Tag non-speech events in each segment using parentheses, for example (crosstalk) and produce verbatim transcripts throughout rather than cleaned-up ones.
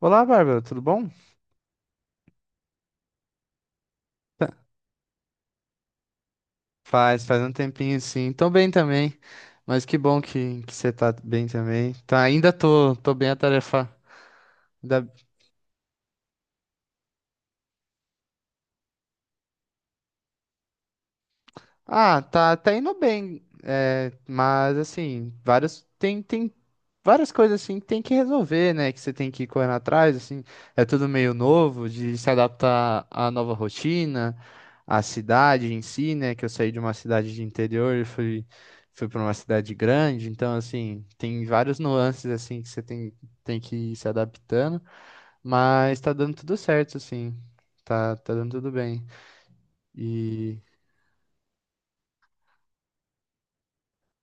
Olá, Bárbara, tudo bom? Tá. Faz, faz um tempinho sim. Tô bem também, mas que bom que, que você tá bem também. Tá, ainda tô, tô bem atarefado. Ah, tá, tá indo bem, é, mas assim, vários tem, tem várias coisas assim que tem que resolver, né? Que você tem que ir correndo atrás, assim, é tudo meio novo, de se adaptar à nova rotina, à cidade em si, né? Que eu saí de uma cidade de interior e fui, fui para uma cidade grande, então assim, tem vários nuances assim que você tem, tem que ir se adaptando, mas tá dando tudo certo, assim, tá, tá dando tudo bem. e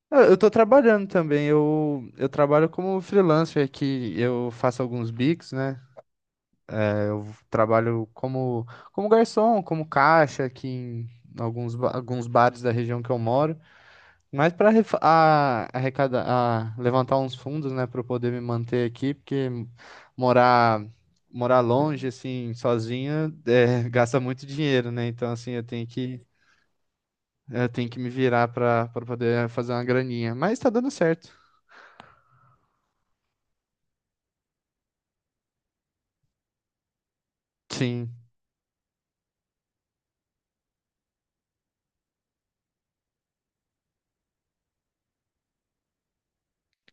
Ah, eu tô trabalhando também. Eu, eu trabalho como freelancer que eu faço alguns bicos, né? É, eu trabalho como, como garçom, como caixa aqui em alguns, ba- alguns bares da região que eu moro. Mas para arrecadar, a- levantar uns fundos, né, para eu poder me manter aqui, porque morar morar longe assim, sozinho, é, (laughs) gasta muito dinheiro, né? Então assim, eu tenho que eu tenho que me virar para para poder fazer uma graninha. Mas tá dando certo. Sim.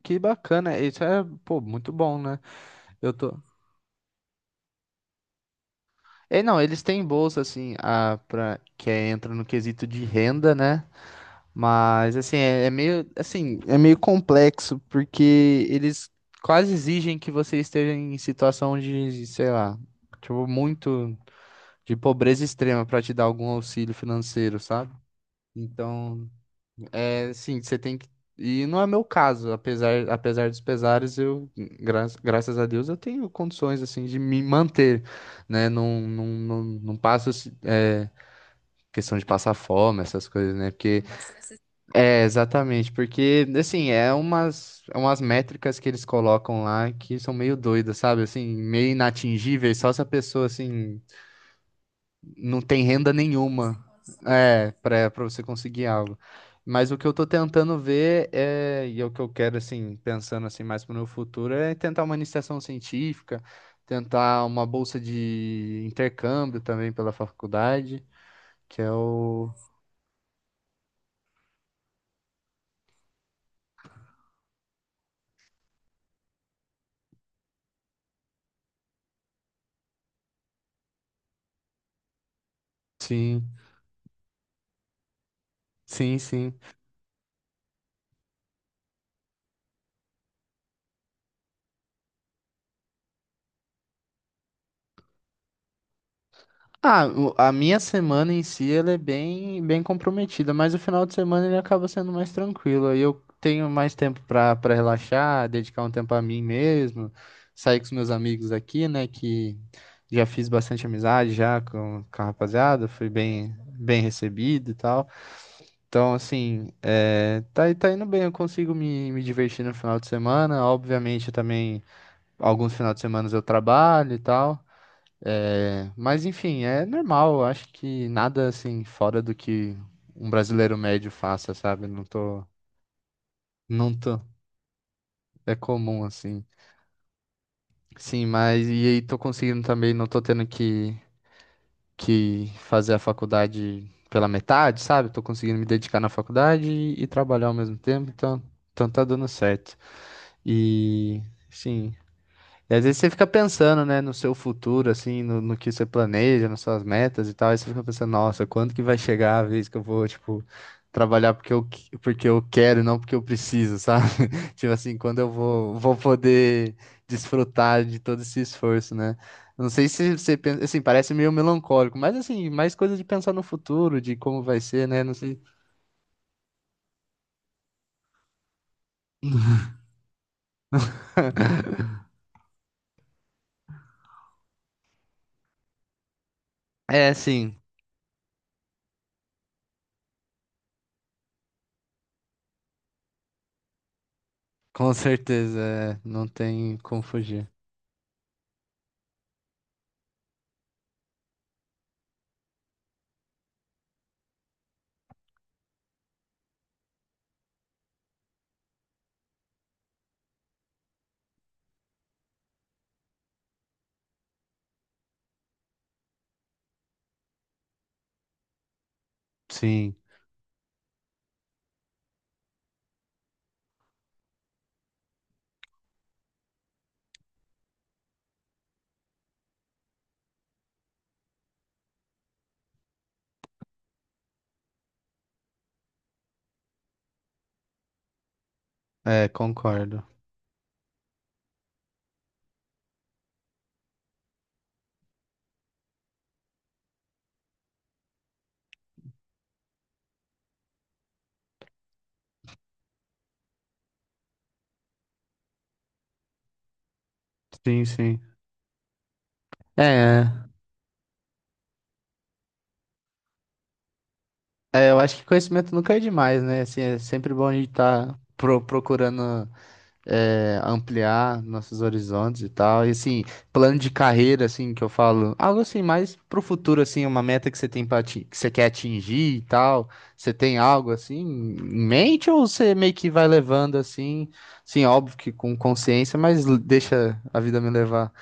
Que bacana, isso é, pô, muito bom, né? Eu tô. É, não, eles têm bolsa assim, a para que é- entra no quesito de renda, né? Mas assim, é, é meio assim, é meio complexo porque eles quase exigem que você esteja em situação de, sei lá, tipo muito de pobreza extrema para te dar algum auxílio financeiro, sabe? Então, é, sim, você tem que. E não é meu caso, apesar, apesar dos pesares, eu, gra graças a Deus, eu tenho condições, assim, de me manter, né? Não, não, não, não passo, assim, é, questão de passar fome, essas coisas, né? Porque, é, exatamente, porque, assim, é umas, é umas métricas que eles colocam lá que são meio doidas, sabe? Assim, meio inatingíveis, só se a pessoa, assim, não tem renda nenhuma, é, para para você conseguir algo. Mas o que eu tô tentando ver é, e é o que eu quero assim, pensando assim mais para o meu futuro, é tentar uma iniciação científica, tentar uma bolsa de intercâmbio também pela faculdade, que é o sim, sim, sim. Ah, o- a minha semana em si ela é bem, bem comprometida, mas o final de semana ele acaba sendo mais tranquilo. Aí eu tenho mais tempo para para relaxar, dedicar um tempo a mim mesmo, sair com os meus amigos aqui, né? Que já fiz bastante amizade já com, com a rapaziada, fui bem, bem recebido e tal. Então, assim, é, tá, tá indo bem, eu consigo me, me divertir no final de semana. Obviamente, eu também, alguns finais de semana eu trabalho e tal. É, mas enfim, é normal. Eu acho que nada assim fora do que um brasileiro médio faça, sabe? Não tô, não tô. É comum assim. Sim, mas e aí tô conseguindo também. Não tô tendo que que fazer a faculdade pela metade, sabe? Tô conseguindo me dedicar na faculdade e, e trabalhar ao mesmo tempo. Então, então tá dando certo. E sim. E às vezes você fica pensando, né, no seu futuro, assim, no, no que você planeja, nas suas metas e tal, e você fica pensando, nossa, quando que vai chegar a vez que eu vou, tipo, trabalhar porque eu, que- porque eu quero e não porque eu preciso, sabe? (laughs) Tipo assim, quando eu vou, vou poder desfrutar de todo esse esforço, né? Não sei se você pensa, assim, parece meio melancólico, mas assim, mais coisa de pensar no futuro, de como vai ser, né? Não sei. É, sim, com certeza, é, não tem como fugir. Sim, é, concordo. Sim, sim. É, é, eu acho que conhecimento nunca é demais, né? Assim, é sempre bom a gente estar procurando é, ampliar nossos horizontes e tal. E assim, plano de carreira, assim, que eu falo, algo assim, mais pro futuro, assim, uma meta que você tem para que você quer atingir e tal. Você tem algo assim em mente ou você meio que vai levando assim, sim, óbvio que com consciência, mas l- deixa a vida me levar.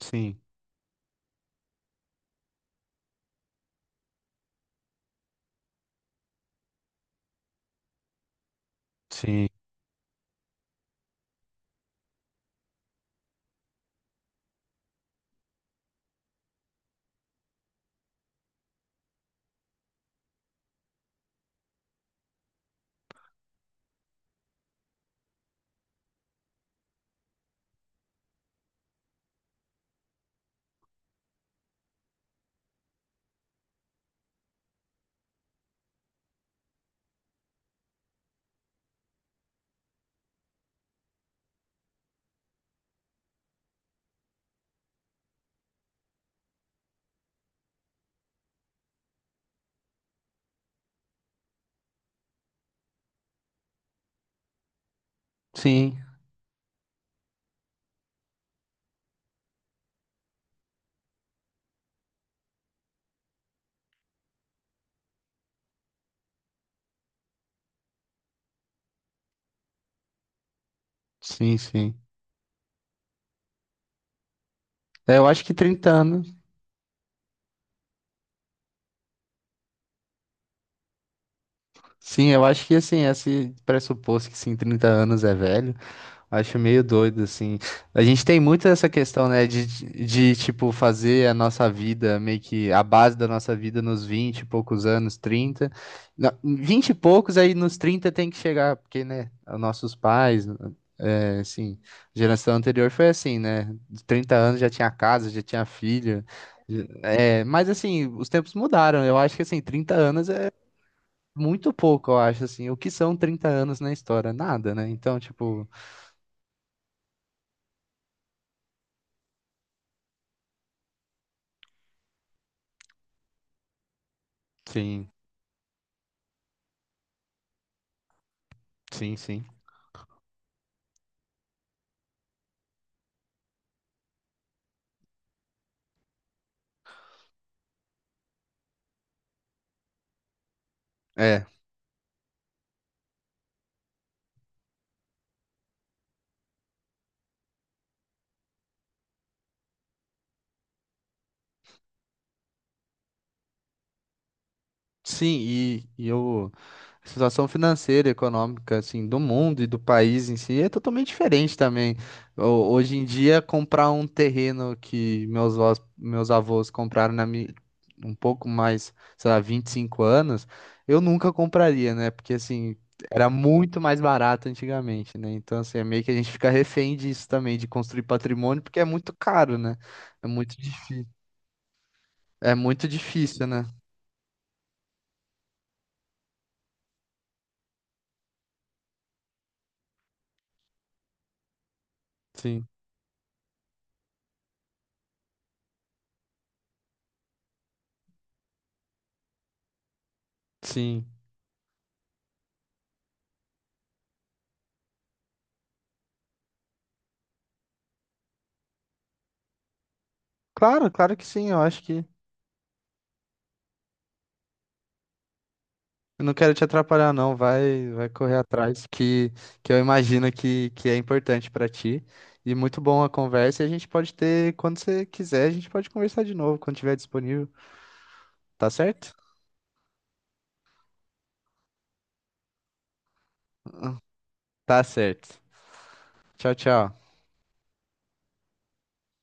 Sim, sim, sim, sim, sim. É, eu acho que trinta anos. Sim, eu acho que assim, esse pressuposto que sim, trinta anos é velho, eu acho meio doido, assim. A gente tem muito essa questão, né, de, de tipo, fazer a nossa vida, meio que a base da nossa vida nos vinte e poucos anos, trinta. Na- vinte e poucos, aí nos trinta tem que chegar, porque, né, os nossos pais, né, assim, geração anterior foi assim, né? De trinta anos já tinha casa, já tinha filho. já- É, mas assim, os tempos mudaram. Eu acho que assim, trinta anos é muito pouco, eu acho, assim. O que são trinta anos na história? Nada, né? Então, tipo, sim, sim, sim. É. Sim, e, e o, a situação financeira, e econômica, assim, do mundo e do país em si é totalmente diferente também. Ho- Hoje em dia, comprar um terreno que meus, avós- meus avós compraram na mi- um pouco mais, sei lá, vinte e cinco anos, eu nunca compraria, né? Porque, assim, era muito mais barato antigamente, né? Então, assim, é meio que a gente fica refém disso também, de construir patrimônio, porque é muito caro, né? É muito, dif- é muito difícil, né? Sim, sim. Claro, claro que sim. Eu acho que eu não quero te atrapalhar, não. Vai, vai correr atrás que, que eu imagino que, que é importante pra ti. E muito bom a conversa. E a gente pode ter, quando você quiser, a gente pode conversar de novo, quando tiver disponível. Tá certo? Tá certo. Tchau, tchau.